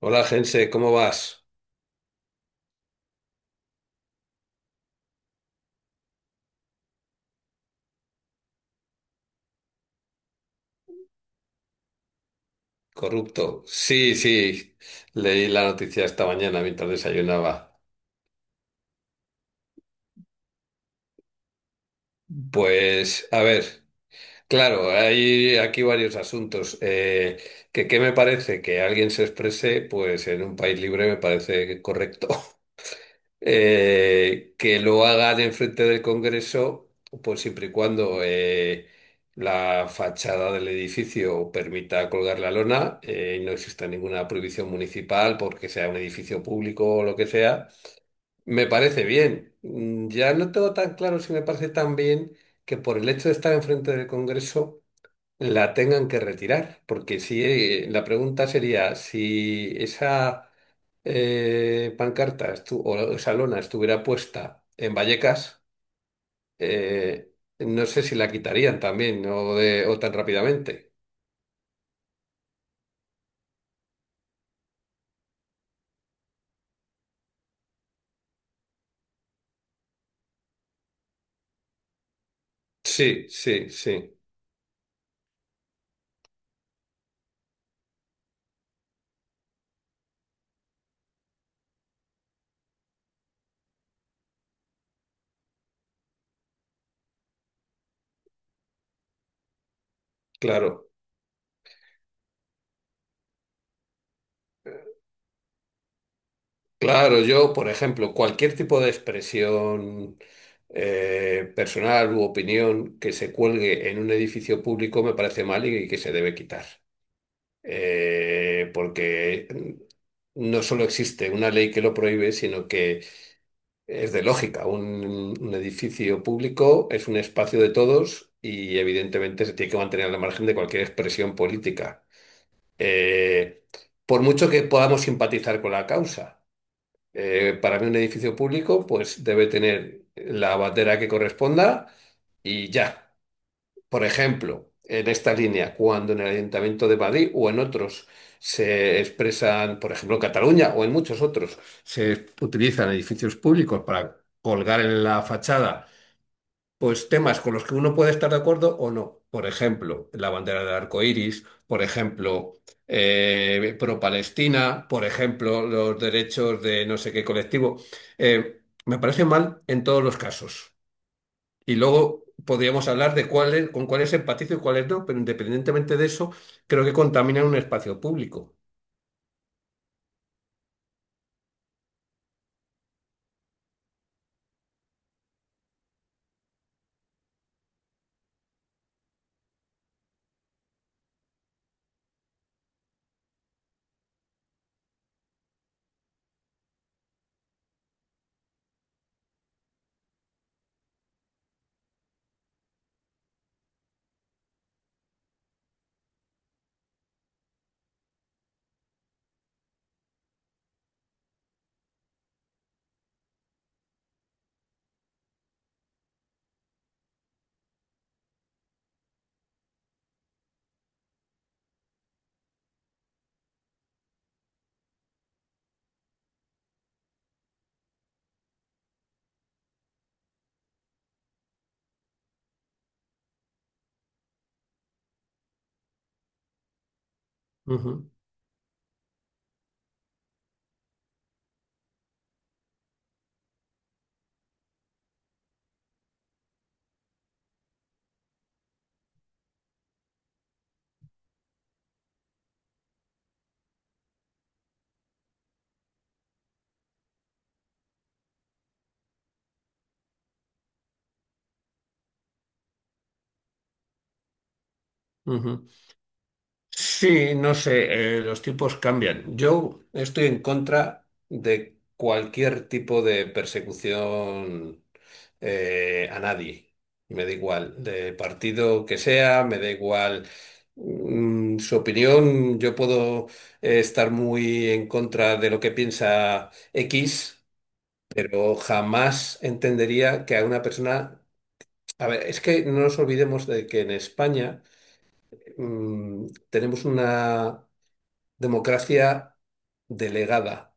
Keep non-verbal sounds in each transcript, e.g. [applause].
Hola, Gense, ¿cómo vas? Corrupto. Sí, sí, leí la noticia esta mañana mientras desayunaba. Pues, a ver, claro, hay aquí varios asuntos. Que, ¿qué me parece? Que alguien se exprese, pues en un país libre me parece correcto. [laughs] Que lo hagan enfrente del Congreso, pues siempre y cuando la fachada del edificio permita colgar la lona y no exista ninguna prohibición municipal porque sea un edificio público o lo que sea, me parece bien. Ya no tengo tan claro si me parece tan bien que por el hecho de estar enfrente del Congreso la tengan que retirar, porque si la pregunta sería si esa o esa lona estuviera puesta en Vallecas, eh, no sé si la quitarían también, ¿no? O tan rápidamente. Sí, sí, sí, claro. Claro, yo, por ejemplo, cualquier tipo de expresión personal u opinión que se cuelgue en un edificio público me parece mal y que se debe quitar. Porque no solo existe una ley que lo prohíbe, sino que es de lógica, un edificio público es un espacio de todos y evidentemente se tiene que mantener al margen de cualquier expresión política. Eh, por mucho que podamos simpatizar con la causa, para mí un edificio público pues debe tener la bandera que corresponda y ya. Por ejemplo, en esta línea, cuando en el Ayuntamiento de Madrid o en otros se expresan, por ejemplo, en Cataluña o en muchos otros, se utilizan edificios públicos para colgar en la fachada, pues temas con los que uno puede estar de acuerdo o no. Por ejemplo, la bandera del arco iris, por ejemplo, pro-Palestina, por ejemplo, los derechos de no sé qué colectivo. Me parece mal en todos los casos. Y luego podríamos hablar de cuáles, con cuáles empatizo y cuáles no, pero independientemente de eso, creo que contaminan un espacio público. Ujú, ujú. Sí, no sé, los tiempos cambian. Yo estoy en contra de cualquier tipo de persecución a nadie. Me da igual, de partido que sea, me da igual. Su opinión, yo puedo estar muy en contra de lo que piensa X, pero jamás entendería que a una persona... A ver, es que no nos olvidemos de que en España tenemos una democracia delegada.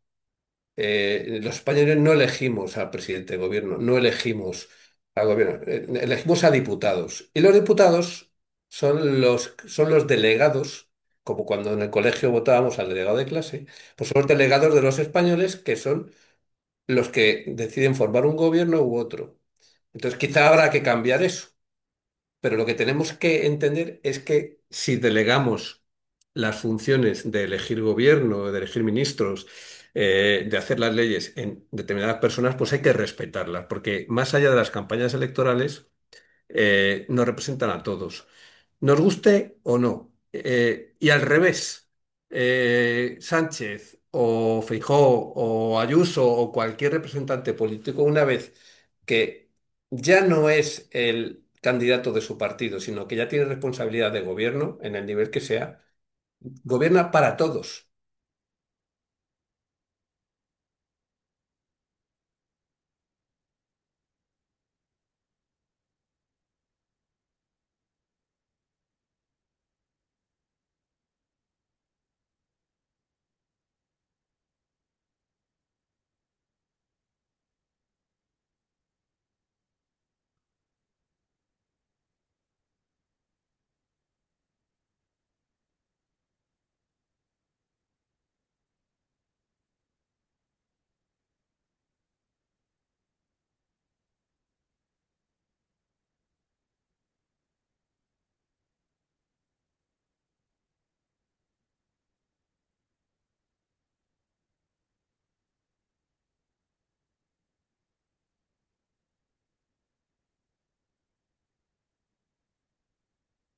Los españoles no elegimos al presidente de gobierno, no elegimos al gobierno, elegimos a diputados. Y los diputados son los delegados, como cuando en el colegio votábamos al delegado de clase, pues son los delegados de los españoles que son los que deciden formar un gobierno u otro. Entonces, quizá habrá que cambiar eso, pero lo que tenemos que entender es que si delegamos las funciones de elegir gobierno, de elegir ministros, de hacer las leyes en determinadas personas, pues hay que respetarlas, porque más allá de las campañas electorales, nos representan a todos, nos guste o no. Y al revés, Sánchez o Feijóo o Ayuso o cualquier representante político, una vez que ya no es el candidato de su partido, sino que ya tiene responsabilidad de gobierno en el nivel que sea, gobierna para todos,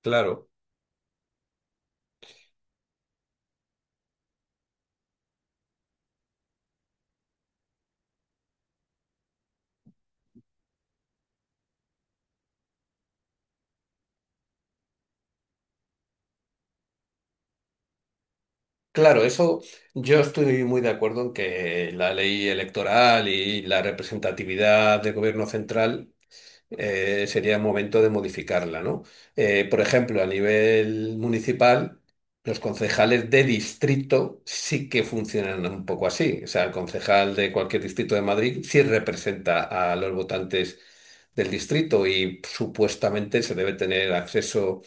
claro. Claro, eso yo estoy muy de acuerdo en que la ley electoral y la representatividad del gobierno central sería momento de modificarla, ¿no? Por ejemplo, a nivel municipal, los concejales de distrito sí que funcionan un poco así. O sea, el concejal de cualquier distrito de Madrid sí representa a los votantes del distrito y supuestamente se debe tener acceso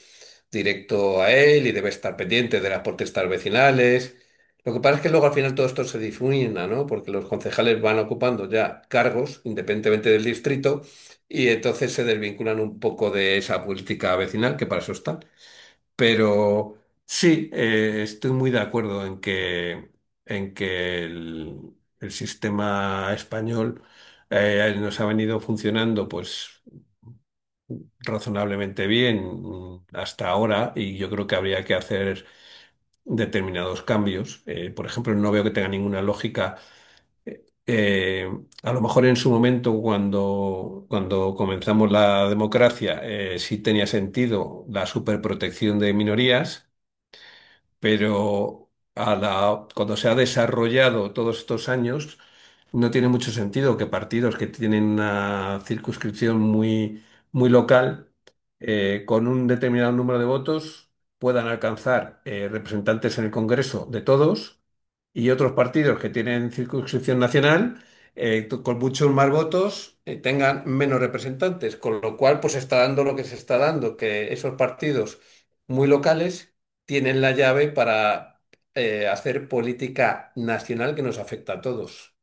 directo a él y debe estar pendiente de las protestas vecinales. Lo que pasa es que luego al final todo esto se difumina, ¿no? Porque los concejales van ocupando ya cargos independientemente del distrito y entonces se desvinculan un poco de esa política vecinal, que para eso están. Pero sí, estoy muy de acuerdo en que el sistema español nos ha venido funcionando, pues razonablemente bien hasta ahora y yo creo que habría que hacer determinados cambios. Por ejemplo, no veo que tenga ninguna lógica. eh, a lo mejor en su momento, cuando comenzamos la democracia, sí tenía sentido la superprotección de minorías, pero a la- cuando se ha desarrollado todos estos años, no tiene mucho sentido que partidos que tienen una circunscripción muy local, con un determinado número de votos, puedan alcanzar representantes en el Congreso de todos y otros partidos que tienen circunscripción nacional con muchos más votos, tengan menos representantes, con lo cual pues está dando lo que se está dando, que esos partidos muy locales tienen la llave para hacer política nacional que nos afecta a todos.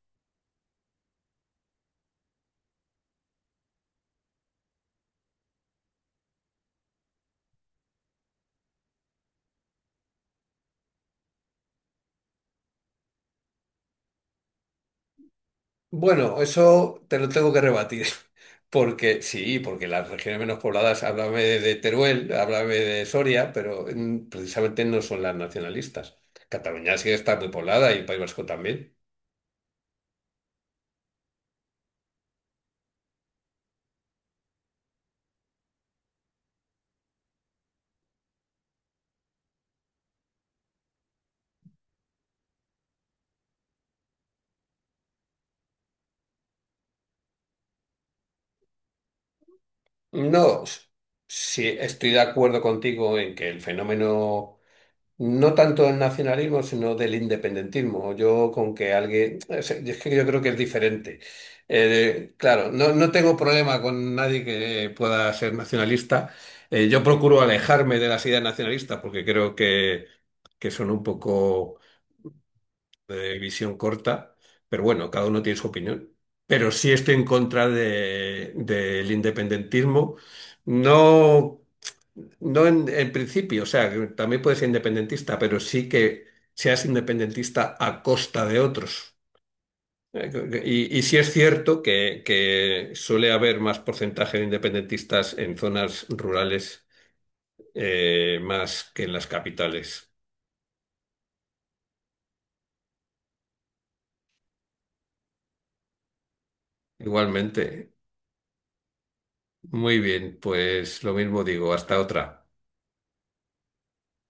Bueno, eso te lo tengo que rebatir. [laughs] Porque sí, porque las regiones menos pobladas, háblame de Teruel, háblame de Soria, pero precisamente no son las nacionalistas. Cataluña sí está muy poblada y el País Vasco también. No, s- sí, estoy de acuerdo contigo en que el fenómeno no tanto del nacionalismo, sino del independentismo. Yo con que alguien... es que yo creo que es diferente. Claro, no, no tengo problema con nadie que pueda ser nacionalista. Yo procuro alejarme de las ideas nacionalistas porque creo que son un poco de visión corta, pero bueno, cada uno tiene su opinión. Pero sí estoy en contra de- del independentismo, no, no en principio, o sea, que también puedes ser independentista, pero sí que seas independentista a costa de otros. Y sí es cierto que suele haber más porcentaje de independentistas en zonas rurales más que en las capitales. Igualmente. Muy bien, pues lo mismo digo, hasta otra.